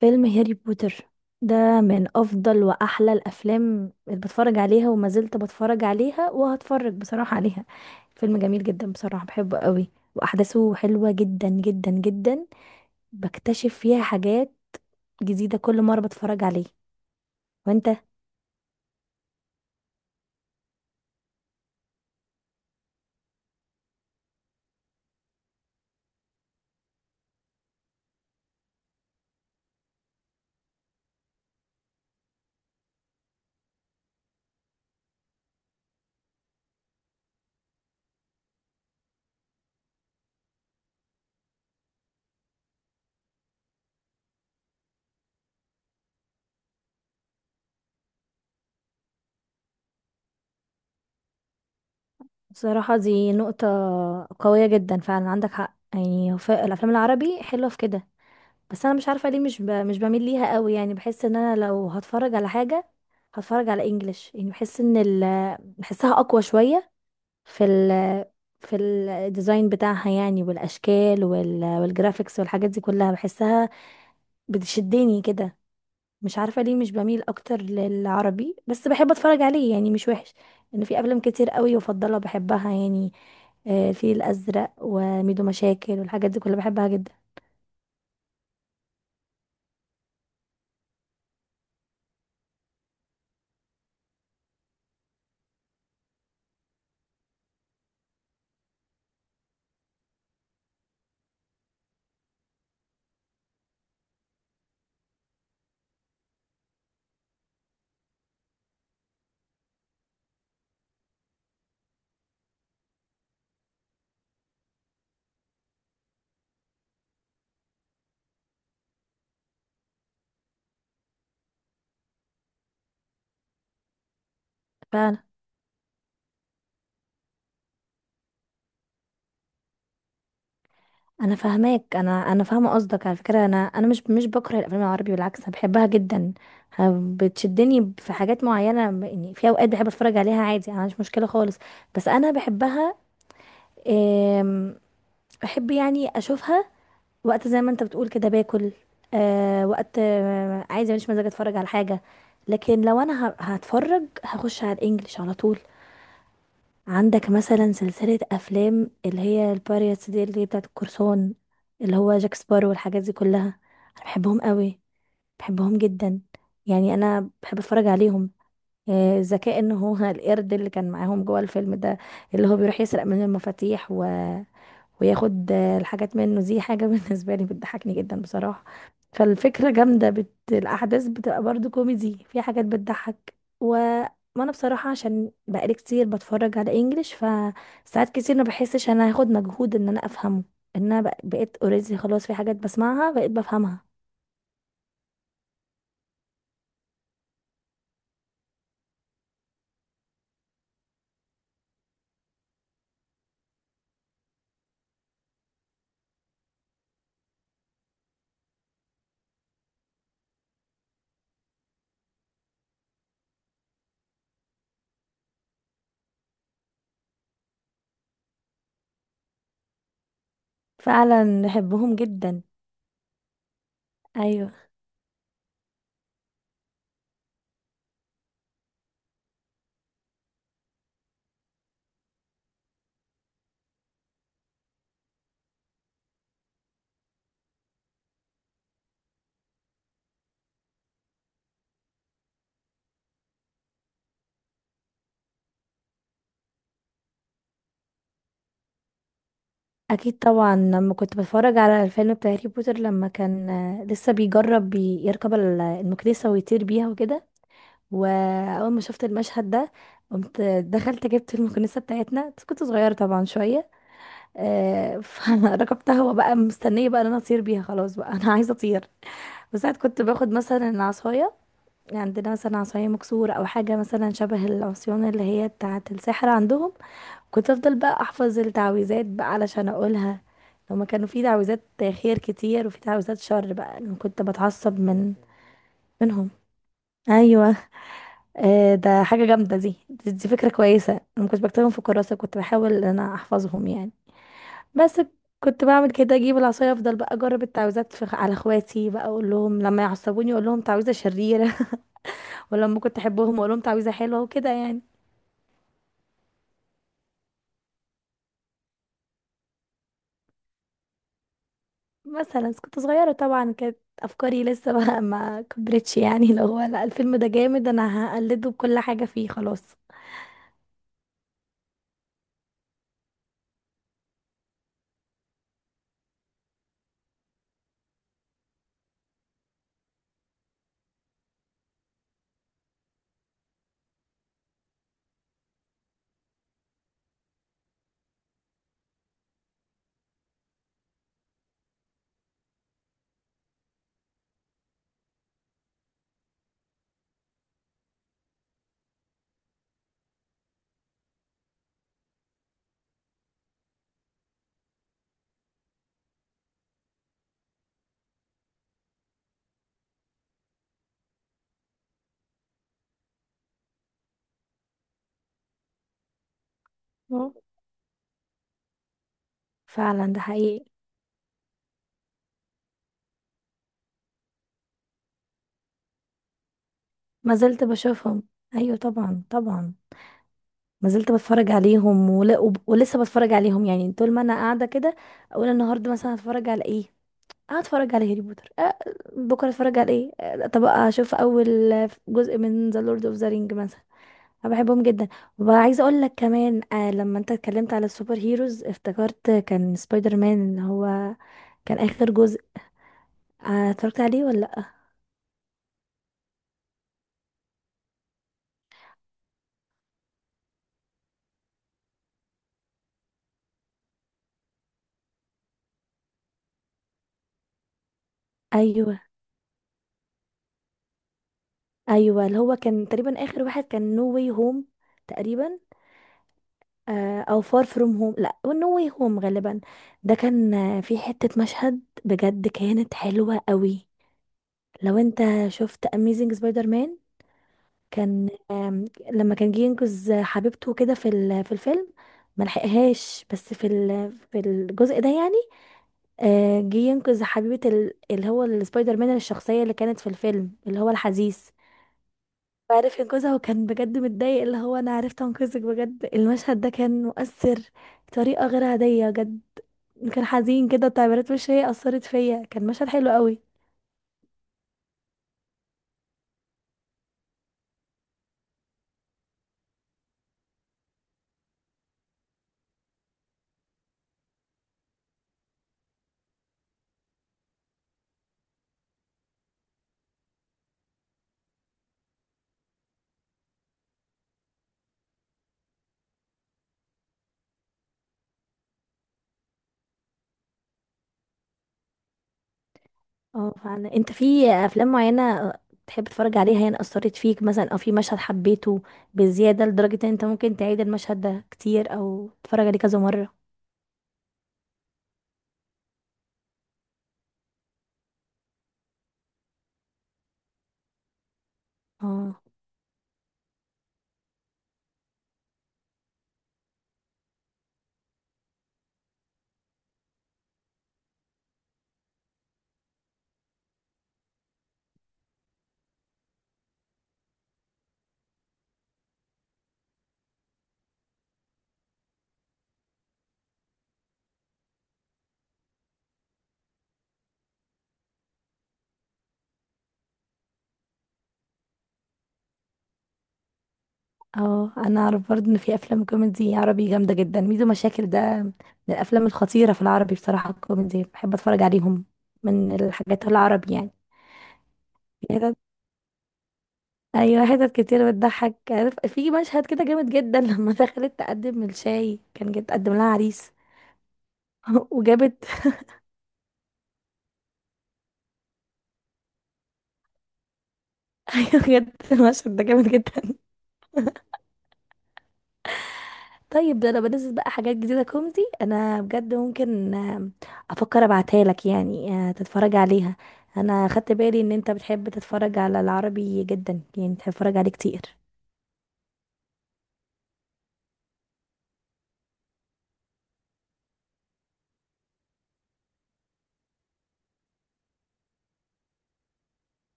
فيلم هاري بوتر ده من افضل واحلى الافلام اللي بتفرج عليها وما زلت بتفرج عليها وهتفرج بصراحة عليها. فيلم جميل جدا بصراحة بحبه قوي واحداثه حلوة جدا جدا جدا. بكتشف فيها حاجات جديدة كل مرة بتفرج عليه. وانت؟ بصراحة دي نقطة قوية جدا فعلا عندك حق، يعني الافلام العربي حلوة في كده، بس انا مش عارفه ليه مش بميل ليها قوي، يعني بحس ان انا لو هتفرج على حاجه هتفرج على انجليش، يعني بحس بحسها اقوى شويه في ال... في الديزاين بتاعها يعني والاشكال والجرافيكس والحاجات دي كلها بحسها بتشدني كده. مش عارفه ليه مش بميل اكتر للعربي، بس بحب اتفرج عليه يعني مش وحش، ان في افلام كتير قوي وافضلها بحبها يعني. آه، الفيل الازرق وميدو مشاكل والحاجات دي كلها بحبها جدا. فعلا. انا فاهماك، انا فاهمه قصدك، على فكره انا مش بكره الافلام العربي، بالعكس انا بحبها جدا. بتشدني في حاجات معينه، يعني في اوقات بحب اتفرج عليها عادي، انا مش مشكله خالص، بس انا بحبها. آم، بحب يعني اشوفها وقت زي ما انت بتقول كده باكل. وقت عايزه مش مزاج اتفرج على حاجه، لكن لو انا هتفرج هخش على الانجليش على طول. عندك مثلا سلسلة أفلام اللي هي الباريتس دي، اللي هي بتاعة القرصان اللي هو جاك سبارو والحاجات دي كلها، أنا بحبهم قوي، بحبهم جدا، يعني أنا بحب أتفرج عليهم. ذكاء إن هو القرد اللي كان معاهم جوه الفيلم ده، اللي هو بيروح يسرق من المفاتيح وياخد الحاجات منه، دي حاجة بالنسبة لي بتضحكني جدا بصراحة. فالفكرة جامدة الأحداث بتبقى برضو كوميدي، في حاجات بتضحك و... وانا بصراحة عشان بقالي كتير بتفرج على انجليش، فساعات كتير ما بحسش انا هاخد مجهود ان انا افهمه، ان انا بقيت اوريدي خلاص، في حاجات بسمعها بقيت بفهمها. فعلا بحبهم جدا. ايوه، اكيد طبعا. لما كنت بتفرج على الفيلم بتاع هاري بوتر، لما كان لسه بيجرب يركب المكنسة ويطير بيها وكده، واول ما شفت المشهد ده قمت دخلت جبت المكنسه بتاعتنا، بس كنت صغيره طبعا شويه. فركبتها وبقى مستنيه بقى ان انا اطير بيها، خلاص بقى انا عايزه اطير. وساعات كنت باخد مثلا عصايه، عندنا مثلا عصايه مكسوره او حاجه مثلا شبه العصيان اللي هي بتاعه السحر عندهم، كنت افضل بقى احفظ التعويذات بقى علشان اقولها. لما كانوا في تعويذات خير كتير وفي تعويذات شر، بقى أنا كنت بتعصب من منهم. ايوه، ده حاجة جامدة، دي فكرة كويسة، انا ما كنتش بكتبهم في كراسة، كنت بحاول ان انا احفظهم يعني. بس كنت بعمل كده، اجيب العصاية افضل بقى اجرب التعويذات على اخواتي، بقى اقول لهم لما يعصبوني اقول لهم تعويذة شريرة، ولما كنت احبهم اقول لهم تعويذة حلوة وكده يعني. مثلا كنت صغيرة طبعا، كانت افكاري لسه بقى ما كبرتش، يعني لو هو لا الفيلم ده جامد انا هقلده بكل حاجة فيه خلاص. مم. فعلا ده حقيقي. ما زلت بشوفهم، ايوه طبعا طبعا، ما زلت بتفرج عليهم ولسه بتفرج عليهم، يعني طول ما انا قاعده كده اقول النهارده مثلا هتفرج على ايه، اه اتفرج على هاري بوتر، أه بكره اتفرج على ايه، أه طب اشوف اول جزء من ذا لورد اوف ذا رينج مثلا، انا بحبهم جدا. وعايزه اقول لك كمان، آه لما انت اتكلمت على السوبر هيروز افتكرت كان سبايدر مان، اللي هو كان اخر جزء، آه اتفرجت عليه ولا لا؟ ايوه ايوه، اللي هو كان تقريبا اخر واحد كان نو واي هوم تقريبا، او فار فروم هوم، لا نو واي هوم غالبا. ده كان، في حتة مشهد بجد كانت حلوة قوي، لو انت شفت اميزنج سبايدر مان، كان لما كان جه ينقذ حبيبته كده في الفيلم ما لحقهاش، بس في الجزء ده يعني، جه ينقذ حبيبة اللي هو السبايدر مان، الشخصية اللي كانت في الفيلم اللي هو الحزيس، وعرف ينقذها، وكان بجد متضايق اللي هو انا عرفت انقذك، بجد المشهد ده كان مؤثر بطريقة غير عادية بجد، كان حزين كده وتعبيرات وشي أثرت فيا، كان مشهد حلو قوي. اه فعلا. انت في افلام معينة تحب تتفرج عليها يعني أثرت فيك، مثلا او في مشهد حبيته بزيادة لدرجة ان انت ممكن تعيد المشهد ده كتير او تتفرج عليه كذا مرة؟ اه. اه انا اعرف برضه ان في افلام كوميدي عربي جامده جدا، ميدو مشاكل ده من الافلام الخطيره في العربي بصراحه، الكوميدي بحب اتفرج عليهم من الحاجات العربي يعني. في حتت، ايوه حتت كتير بتضحك، عارف في مشهد كده جامد جدا، لما دخلت تقدم الشاي كان جت تقدم لها عريس. وجابت، ايوه بجد المشهد ده جامد جدا. طيب ده انا بنزل بقى حاجات جديده كوميدي، انا بجد ممكن افكر ابعتها لك يعني، تتفرج عليها. انا خدت بالي ان انت بتحب تتفرج على العربي جدا، يعني بتحب تتفرج عليه كتير.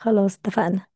خلاص اتفقنا.